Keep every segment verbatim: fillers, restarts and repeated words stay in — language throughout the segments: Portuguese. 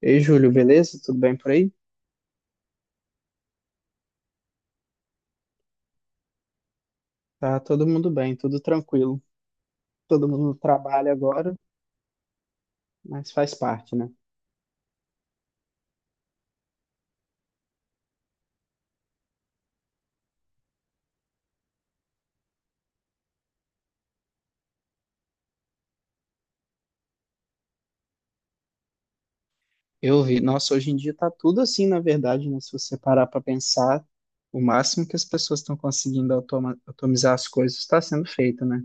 Ei, Júlio, beleza? Tudo bem por aí? Tá todo mundo bem, tudo tranquilo. Todo mundo trabalha agora, mas faz parte, né? Eu vi, nossa, hoje em dia tá tudo assim, na verdade, né? Se você parar para pensar, o máximo que as pessoas estão conseguindo automa- automizar as coisas está sendo feito, né?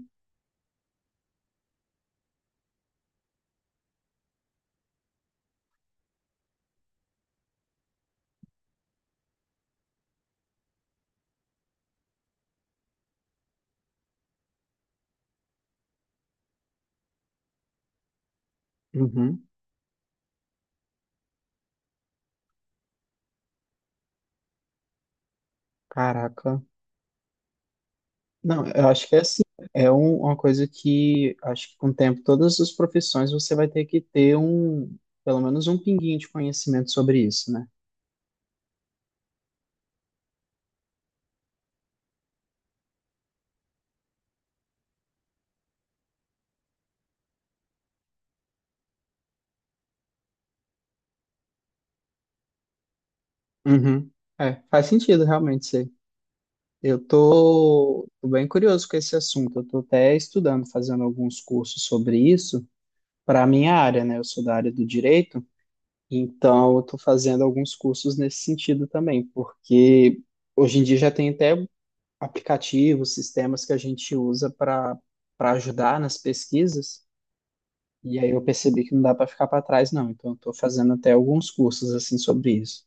Uhum. Caraca. Não, eu acho que é assim. É um- uma coisa que acho que com o tempo, todas as profissões você vai ter que ter um, pelo menos um pinguinho de conhecimento sobre isso, né? Uhum. É, faz sentido realmente. Eu tô, tô bem curioso com esse assunto. Eu tô até estudando, fazendo alguns cursos sobre isso para a minha área, né? Eu sou da área do direito, então eu tô fazendo alguns cursos nesse sentido também, porque hoje em dia já tem até aplicativos, sistemas que a gente usa para para ajudar nas pesquisas. E aí eu percebi que não dá para ficar para trás, não. Então eu tô fazendo até alguns cursos assim sobre isso.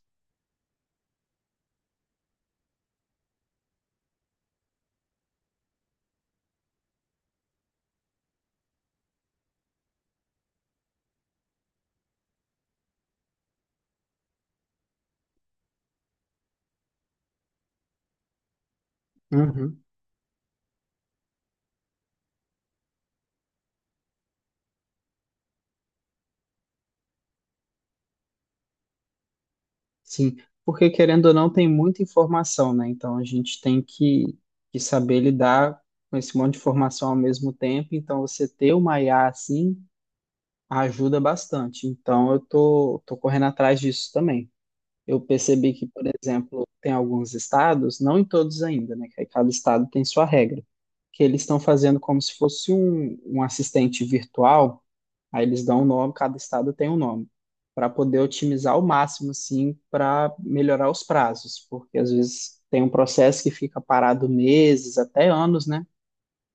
Uhum. Sim, porque querendo ou não, tem muita informação, né? Então a gente tem que, que saber lidar com esse monte de informação ao mesmo tempo. Então você ter uma I A assim ajuda bastante. Então eu tô, tô correndo atrás disso também. Eu percebi que, por exemplo, tem alguns estados, não em todos ainda, né? Que aí cada estado tem sua regra, que eles estão fazendo como se fosse um, um assistente virtual. Aí eles dão um nome, cada estado tem um nome, para poder otimizar ao máximo, assim, para melhorar os prazos, porque às vezes tem um processo que fica parado meses, até anos, né?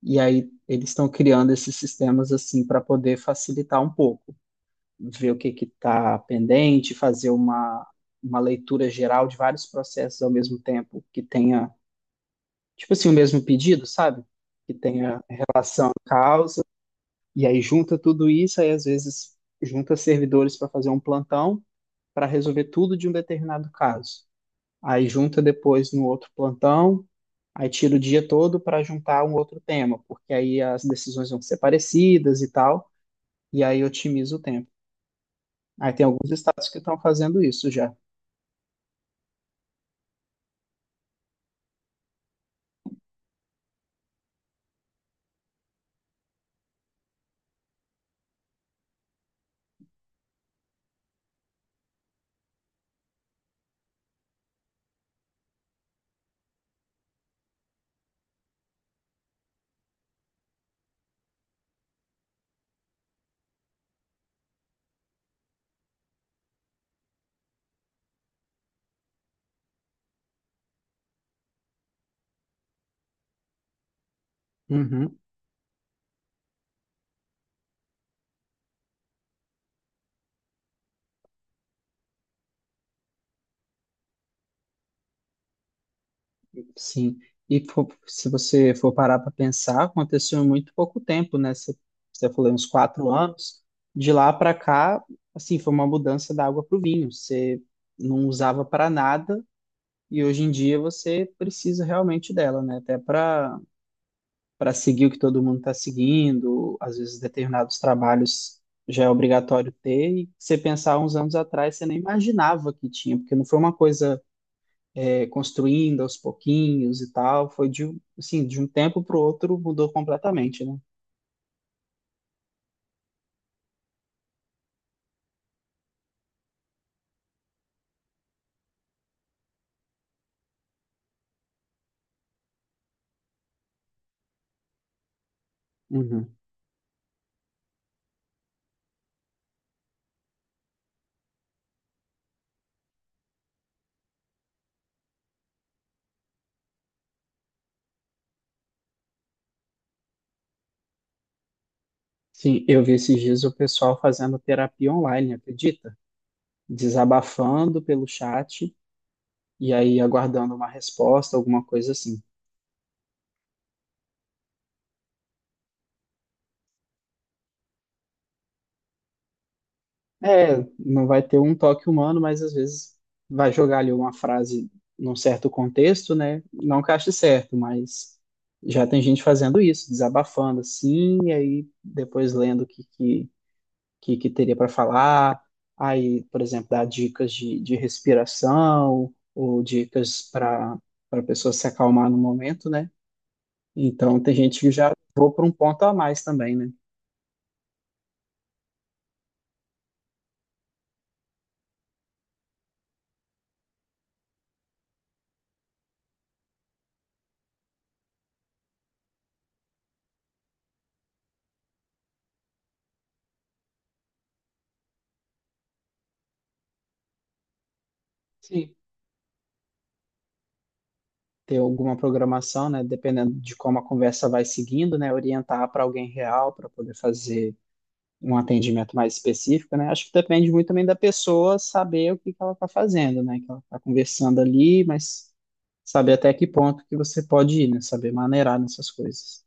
E aí eles estão criando esses sistemas assim para poder facilitar um pouco, ver o que que está pendente, fazer uma, uma leitura geral de vários processos ao mesmo tempo que tenha, tipo assim, o mesmo pedido, sabe? Que tenha causa, e aí junta tudo isso, aí às vezes junta servidores para fazer um plantão para resolver tudo de um determinado caso. Aí junta depois no outro plantão, aí tira o dia todo para juntar um outro tema, porque aí as decisões vão ser parecidas e tal, e aí otimiza o tempo. Aí tem alguns estados que estão fazendo isso já. Uhum, sim. E fo- se você for parar para pensar, aconteceu em muito pouco tempo, né? Você, você falou uns quatro anos. De lá para cá, assim, foi uma mudança da água para o vinho. Você não usava para nada. E hoje em dia você precisa realmente dela, né? Até para para seguir o que todo mundo está seguindo, às vezes determinados trabalhos já é obrigatório ter, e você pensar uns anos atrás, você nem imaginava que tinha, porque não foi uma coisa é, construindo aos pouquinhos e tal, foi de, um- assim, de um tempo para o outro mudou completamente, né? Uhum. Sim, eu vi esses dias o pessoal fazendo terapia online, acredita? Desabafando pelo chat e aí aguardando uma resposta, alguma coisa assim. É, não vai ter um toque humano, mas às vezes vai jogar ali uma frase num certo contexto, né? Não que ache certo, mas já tem gente fazendo isso, desabafando assim, e aí depois lendo o que, que, que, que teria para falar, aí, por exemplo, dá dicas de, de respiração ou dicas para para a pessoa se acalmar no momento, né? Então tem gente que já vou para um ponto a mais também, né? Sim. Ter alguma programação, né, dependendo de como a conversa vai seguindo, né, orientar para alguém real para poder fazer um atendimento mais específico, né? Acho que depende muito também da pessoa saber o que que ela está fazendo, né? Que ela está conversando ali, mas saber até que ponto que você pode ir, né? Saber maneirar nessas coisas.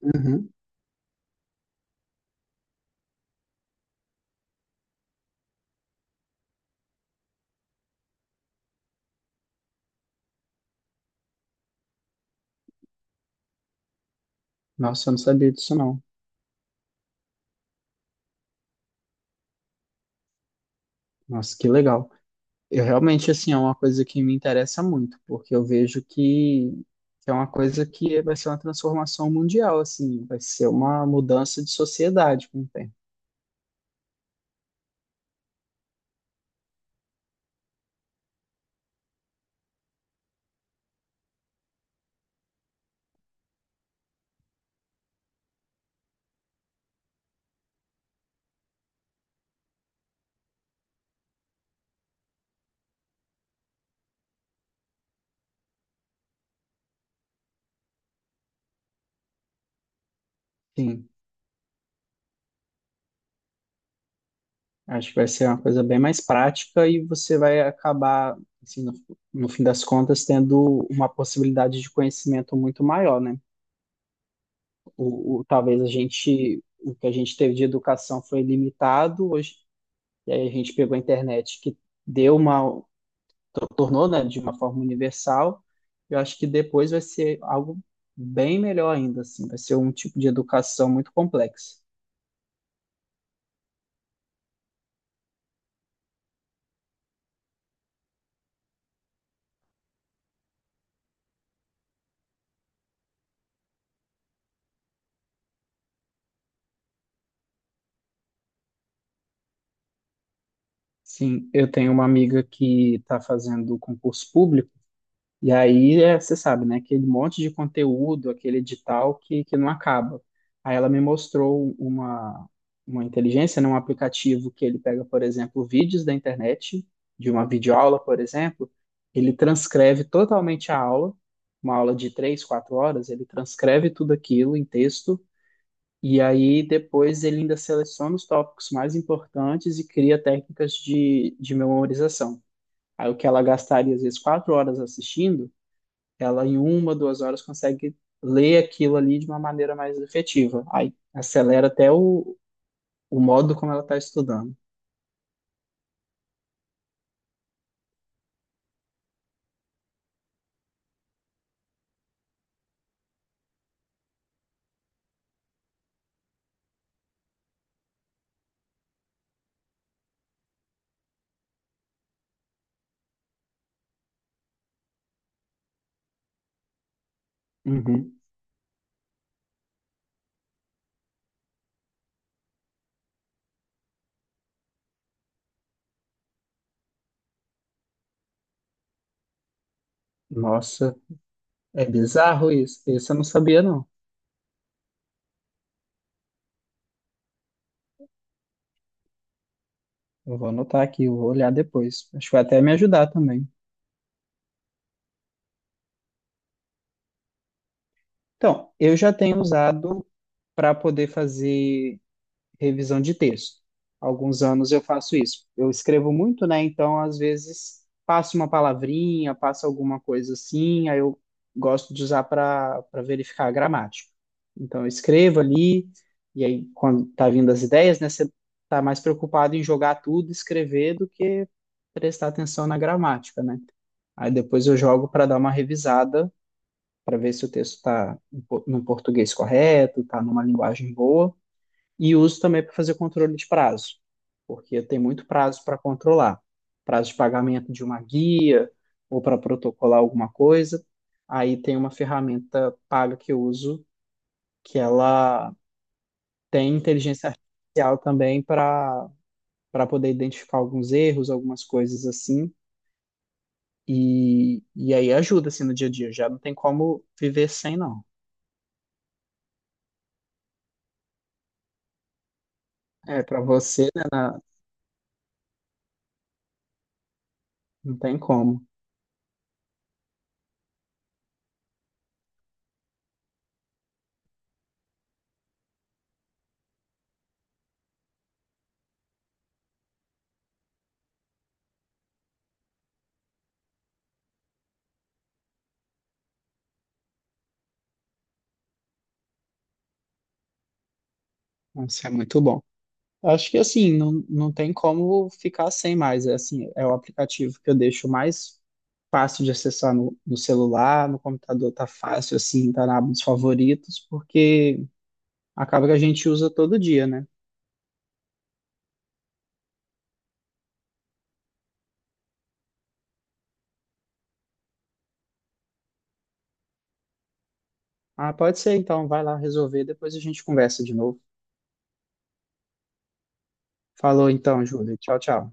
Uhum. Nossa, eu não sabia disso não. Nossa, que legal. Eu realmente, assim, é uma coisa que me interessa muito, porque eu vejo que que é uma coisa que vai ser uma transformação mundial, assim, vai ser uma mudança de sociedade com o tempo. Sim, acho que vai ser uma coisa bem mais prática e você vai acabar, assim, no, no fim das contas, tendo uma possibilidade de conhecimento muito maior, né? O, o- talvez a gente, o que a gente teve de educação foi limitado hoje, e aí a gente pegou a internet que deu uma, to- tornou, né, de uma forma universal, eu acho que depois vai ser algo bem melhor ainda, assim, vai ser um tipo de educação muito complexa. Sim, eu tenho uma amiga que está fazendo concurso público. E aí, é, você sabe, né? Aquele monte de conteúdo, aquele edital que, que não acaba. Aí ela me mostrou uma, uma inteligência, né, um aplicativo que ele pega, por exemplo, vídeos da internet, de uma videoaula, por exemplo, ele transcreve totalmente a aula, uma aula de três, quatro horas, ele transcreve tudo aquilo em texto, e aí depois ele ainda seleciona os tópicos mais importantes e cria técnicas de, de memorização. Aí o que ela gastaria, às vezes, quatro horas assistindo, ela, em uma, duas horas, consegue ler aquilo ali de uma maneira mais efetiva. Aí acelera até o, o modo como ela está estudando. Uhum. Nossa, é bizarro isso. Isso eu não sabia, não. Eu vou anotar aqui, eu vou olhar depois. Acho que vai até me ajudar também. Então, eu já tenho usado para poder fazer revisão de texto. Alguns anos eu faço isso. Eu escrevo muito, né? Então, às vezes, passo uma palavrinha, passo alguma coisa assim, aí eu gosto de usar para para verificar a gramática. Então, eu escrevo ali, e aí, quando tá vindo as ideias, né? Você tá mais preocupado em jogar tudo, escrever, do que prestar atenção na gramática, né? Aí depois eu jogo para dar uma revisada, para ver se o texto está no português correto, está numa linguagem boa. E uso também para fazer controle de prazo, porque tem muito prazo para controlar. Prazo de pagamento de uma guia ou para protocolar alguma coisa. Aí tem uma ferramenta paga que eu uso, que ela tem inteligência artificial também para para poder identificar alguns erros, algumas coisas assim. E, e aí ajuda assim no dia a dia. Já não tem como viver sem, não. É, para você, né, na- não tem como. Isso é muito bom. Acho que assim, não, não tem como ficar sem mais. É assim, é o aplicativo que eu deixo mais fácil de acessar no, no celular, no computador tá fácil assim, tá na aba dos favoritos, porque acaba que a gente usa todo dia, né? Ah, pode ser então, vai lá resolver, depois a gente conversa de novo. Falou então, Júlia. Tchau, tchau.